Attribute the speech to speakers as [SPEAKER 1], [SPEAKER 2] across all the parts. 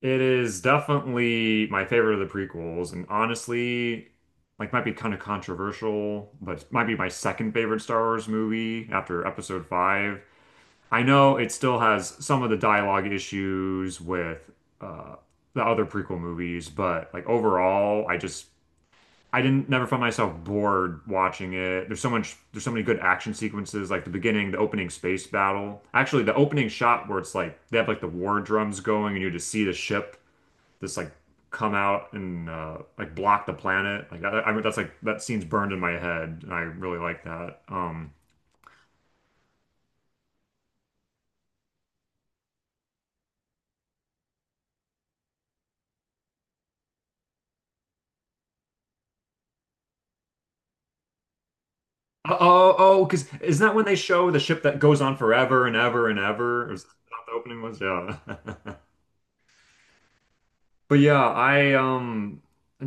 [SPEAKER 1] It is definitely my favorite of the prequels, and honestly, like might be kind of controversial, but it might be my second favorite Star Wars movie after Episode Five. I know it still has some of the dialogue issues with uh, the other prequel movies, but like overall, I didn't never found myself bored watching it. There's so many good action sequences, like the beginning, the opening space battle. Actually, the opening shot where it's like they have like the war drums going, and you just see the ship this like come out and like block the planet. Like I mean, that's like that scene's burned in my head, and I really like that. Oh, oh, oh, because isn't that when they show the ship that goes on forever and ever and ever? Is that what the opening was? Yeah. But yeah, I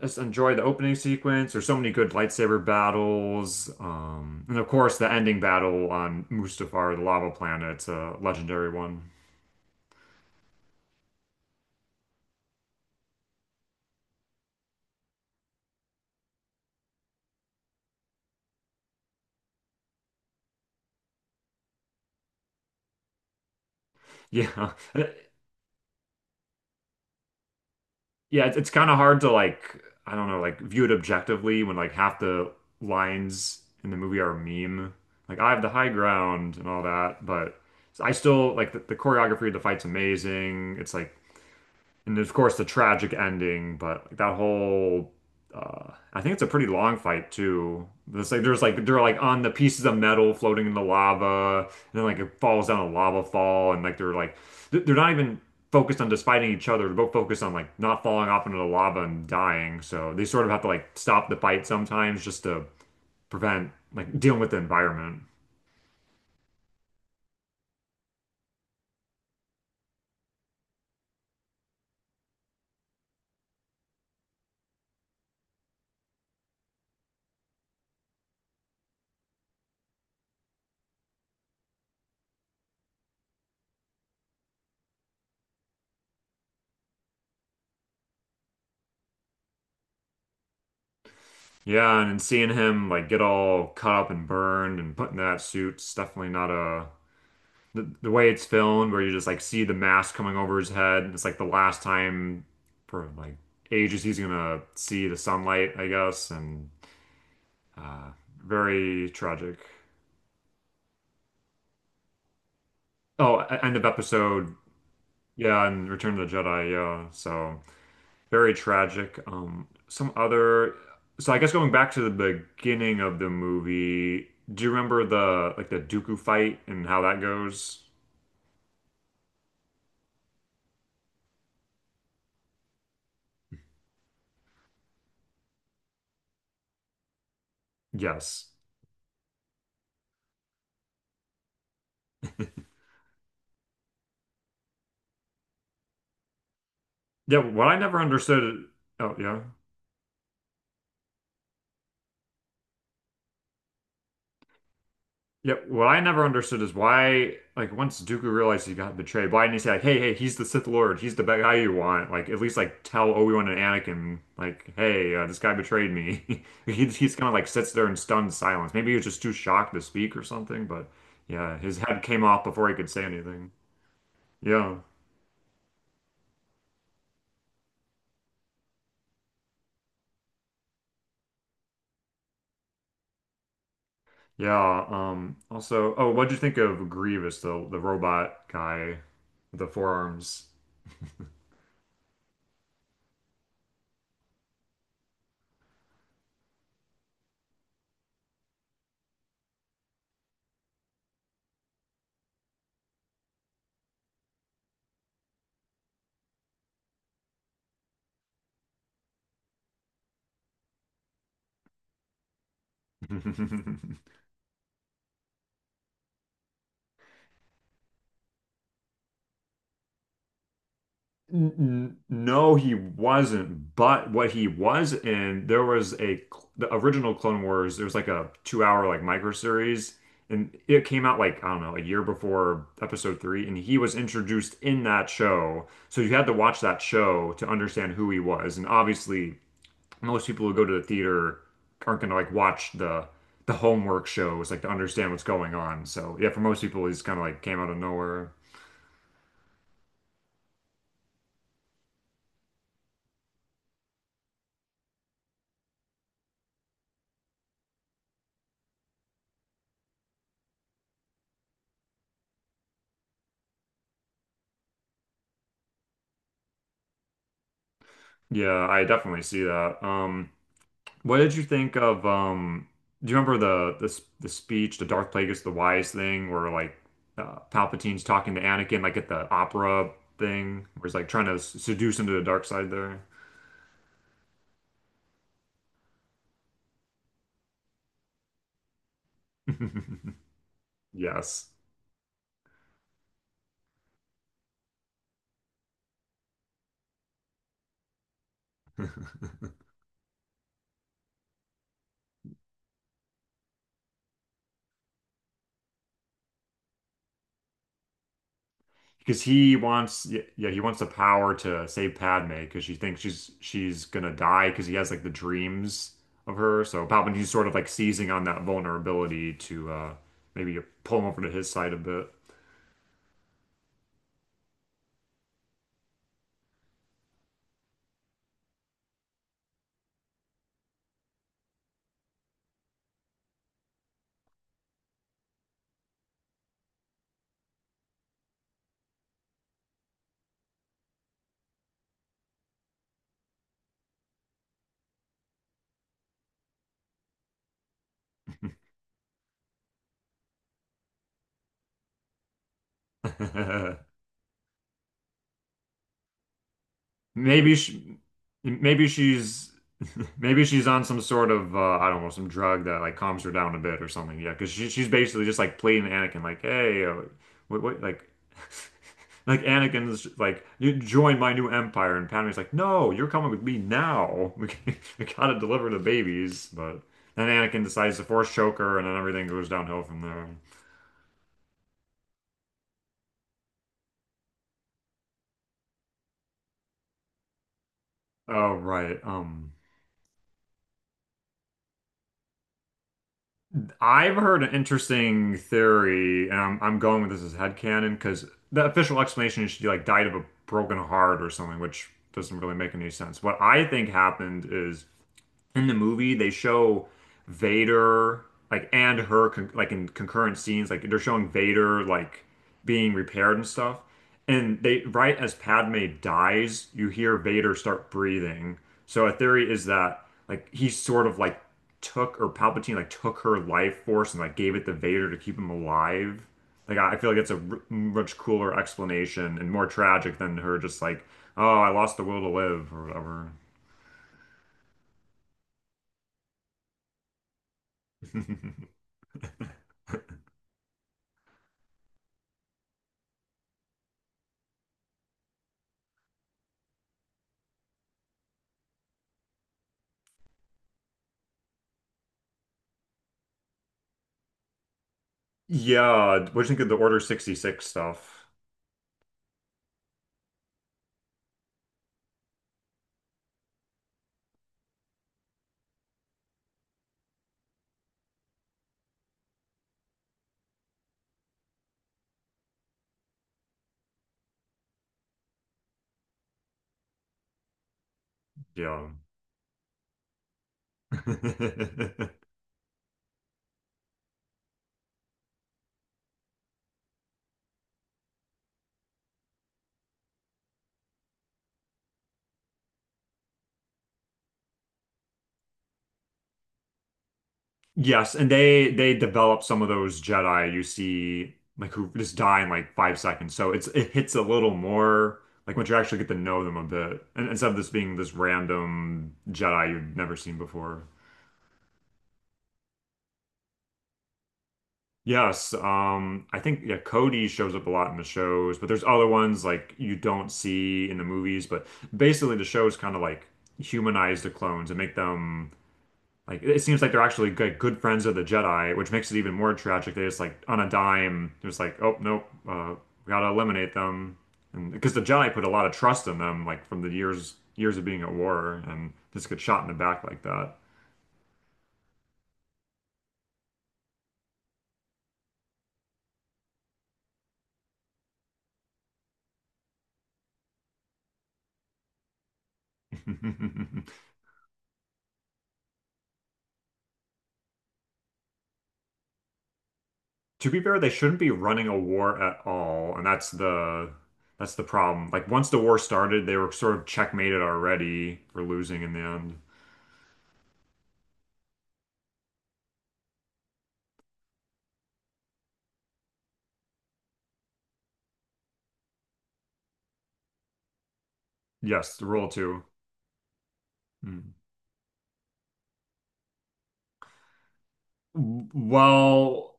[SPEAKER 1] just enjoy the opening sequence. There's so many good lightsaber battles, and of course the ending battle on Mustafar, the lava planet, it's a legendary one. Yeah, yeah, it's kind of hard to like, I don't know, like view it objectively when like half the lines in the movie are a meme. Like I have the high ground and all that, but I still like the choreography of the fight's amazing. It's like And of course the tragic ending, but like, that whole I think it's a pretty long fight too. There's like they're like on the pieces of metal floating in the lava, and then like it falls down a lava fall, and like they're not even focused on just fighting each other. They're both focused on like not falling off into the lava and dying. So they sort of have to like stop the fight sometimes just to prevent like dealing with the environment. Yeah, and seeing him like get all cut up and burned and put in that suit, it's definitely not a— the way it's filmed, where you just like see the mask coming over his head. It's like the last time for like ages he's gonna see the sunlight, I guess, and uh, very tragic. Oh, end of episode, yeah, and Return of the Jedi, yeah. So very tragic. Some other. So I guess going back to the beginning of the movie, do you remember the Dooku fight and how that goes? Yes. Yeah, what I never understood. Oh, yeah. Yeah, what I never understood is why, like, once Dooku realized he got betrayed, why didn't he say, like, hey, hey, he's the Sith Lord, he's the bad guy you want? Like, at least, like, tell Obi-Wan and Anakin, like, hey, this guy betrayed me. He's kind of, like, sits there in stunned silence. Maybe he was just too shocked to speak or something, but yeah, his head came off before he could say anything. Yeah, yeah. Also, oh, what'd you think of Grievous, the robot guy, with the forearms? N- No, he wasn't. But what he was in, there was the original Clone Wars. There was like a 2-hour like micro series, and it came out like I don't know a year before Episode three, and he was introduced in that show. So you had to watch that show to understand who he was. And obviously, most people who go to the theater aren't gonna like watch the homework shows like to understand what's going on. So yeah, for most people, he's kind of like came out of nowhere. Yeah, I definitely see that. What did you think of do you remember the speech, the Darth Plagueis the Wise thing, where like Palpatine's talking to Anakin like at the opera thing, where he's like trying to seduce him to the dark side there? Yes. Because he wants yeah, he wants the power to save Padme because she thinks she's gonna die because he has like the dreams of her. So Palpatine's sort of like seizing on that vulnerability to maybe pull him over to his side a bit. Maybe she, maybe she's, maybe she's on some sort of, I don't know, some drug that like calms her down a bit or something. Yeah, because she's basically just like pleading to Anakin, like, hey, what, like, like Anakin's like, you join my new empire, and Padme's like, no, you're coming with me now. We gotta deliver the babies. But then Anakin decides to force choke her, and then everything goes downhill from there. Oh, right. I've heard an interesting theory, and I'm going with this as headcanon because the official explanation is she like died of a broken heart or something, which doesn't really make any sense. What I think happened is in the movie they show Vader, like, and her con like in concurrent scenes, like they're showing Vader like being repaired and stuff. And they, right as Padme dies, you hear Vader start breathing, so a theory is that like he sort of like took, or Palpatine like took her life force and like gave it to Vader to keep him alive. Like I feel like it's a much cooler explanation and more tragic than her just like, oh, I lost the will to live or whatever. Yeah, what do you think of the Order 66 stuff? Yeah. Yes, and they develop some of those Jedi you see like who just die in like 5 seconds. So it hits a little more like once you actually get to know them a bit. And instead of this being this random Jedi you've never seen before. Yes, I think yeah Cody shows up a lot in the shows, but there's other ones like you don't see in the movies, but basically the shows kind of like humanize the clones and make them. Like, it seems like they're actually good, good friends of the Jedi, which makes it even more tragic. They just like on a dime, they're just like, oh nope, we gotta eliminate them, and because the Jedi put a lot of trust in them, like from the years of being at war, and just get shot in the back like that. To be fair, they shouldn't be running a war at all, and that's the problem. Like once the war started, they were sort of checkmated already for losing in the end. Yes, the rule two. Mm. Well,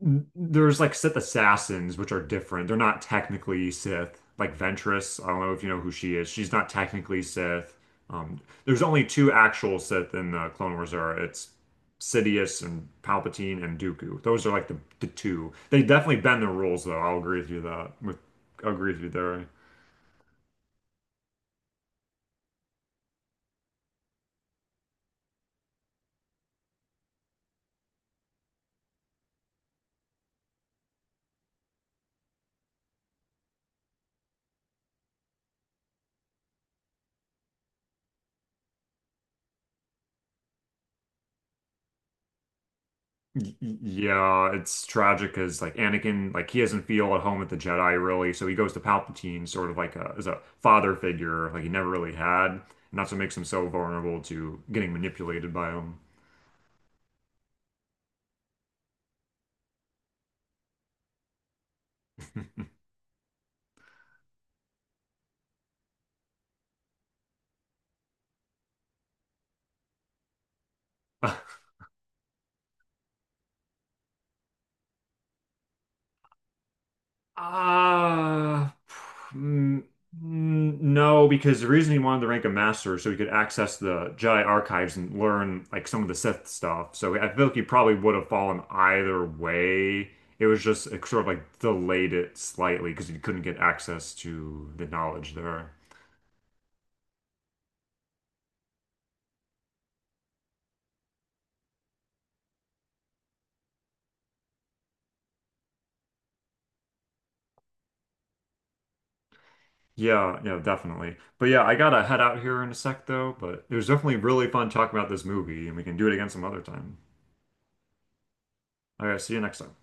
[SPEAKER 1] there's like Sith assassins, which are different. They're not technically Sith. Like Ventress, I don't know if you know who she is. She's not technically Sith. Um, there's only two actual Sith in the Clone Wars era. It's Sidious and Palpatine and Dooku. Those are like the two. They definitely bend the rules, though. I'll agree with you that. I'll agree with you there. Yeah, it's tragic because like Anakin, like he doesn't feel at home with the Jedi really, so he goes to Palpatine, sort of like as a father figure, like he never really had, and that's what makes him so vulnerable to getting manipulated by him. Uh, mm, mm, no, because the reason he wanted to rank a master is so he could access the Jedi archives and learn like some of the Sith stuff. So I feel like he probably would have fallen either way. It was just it sort of like delayed it slightly because he couldn't get access to the knowledge there. Yeah, yeah, definitely. But yeah, I gotta head out here in a sec though. But it was definitely really fun talking about this movie, and we can do it again some other time. All right, see you next time.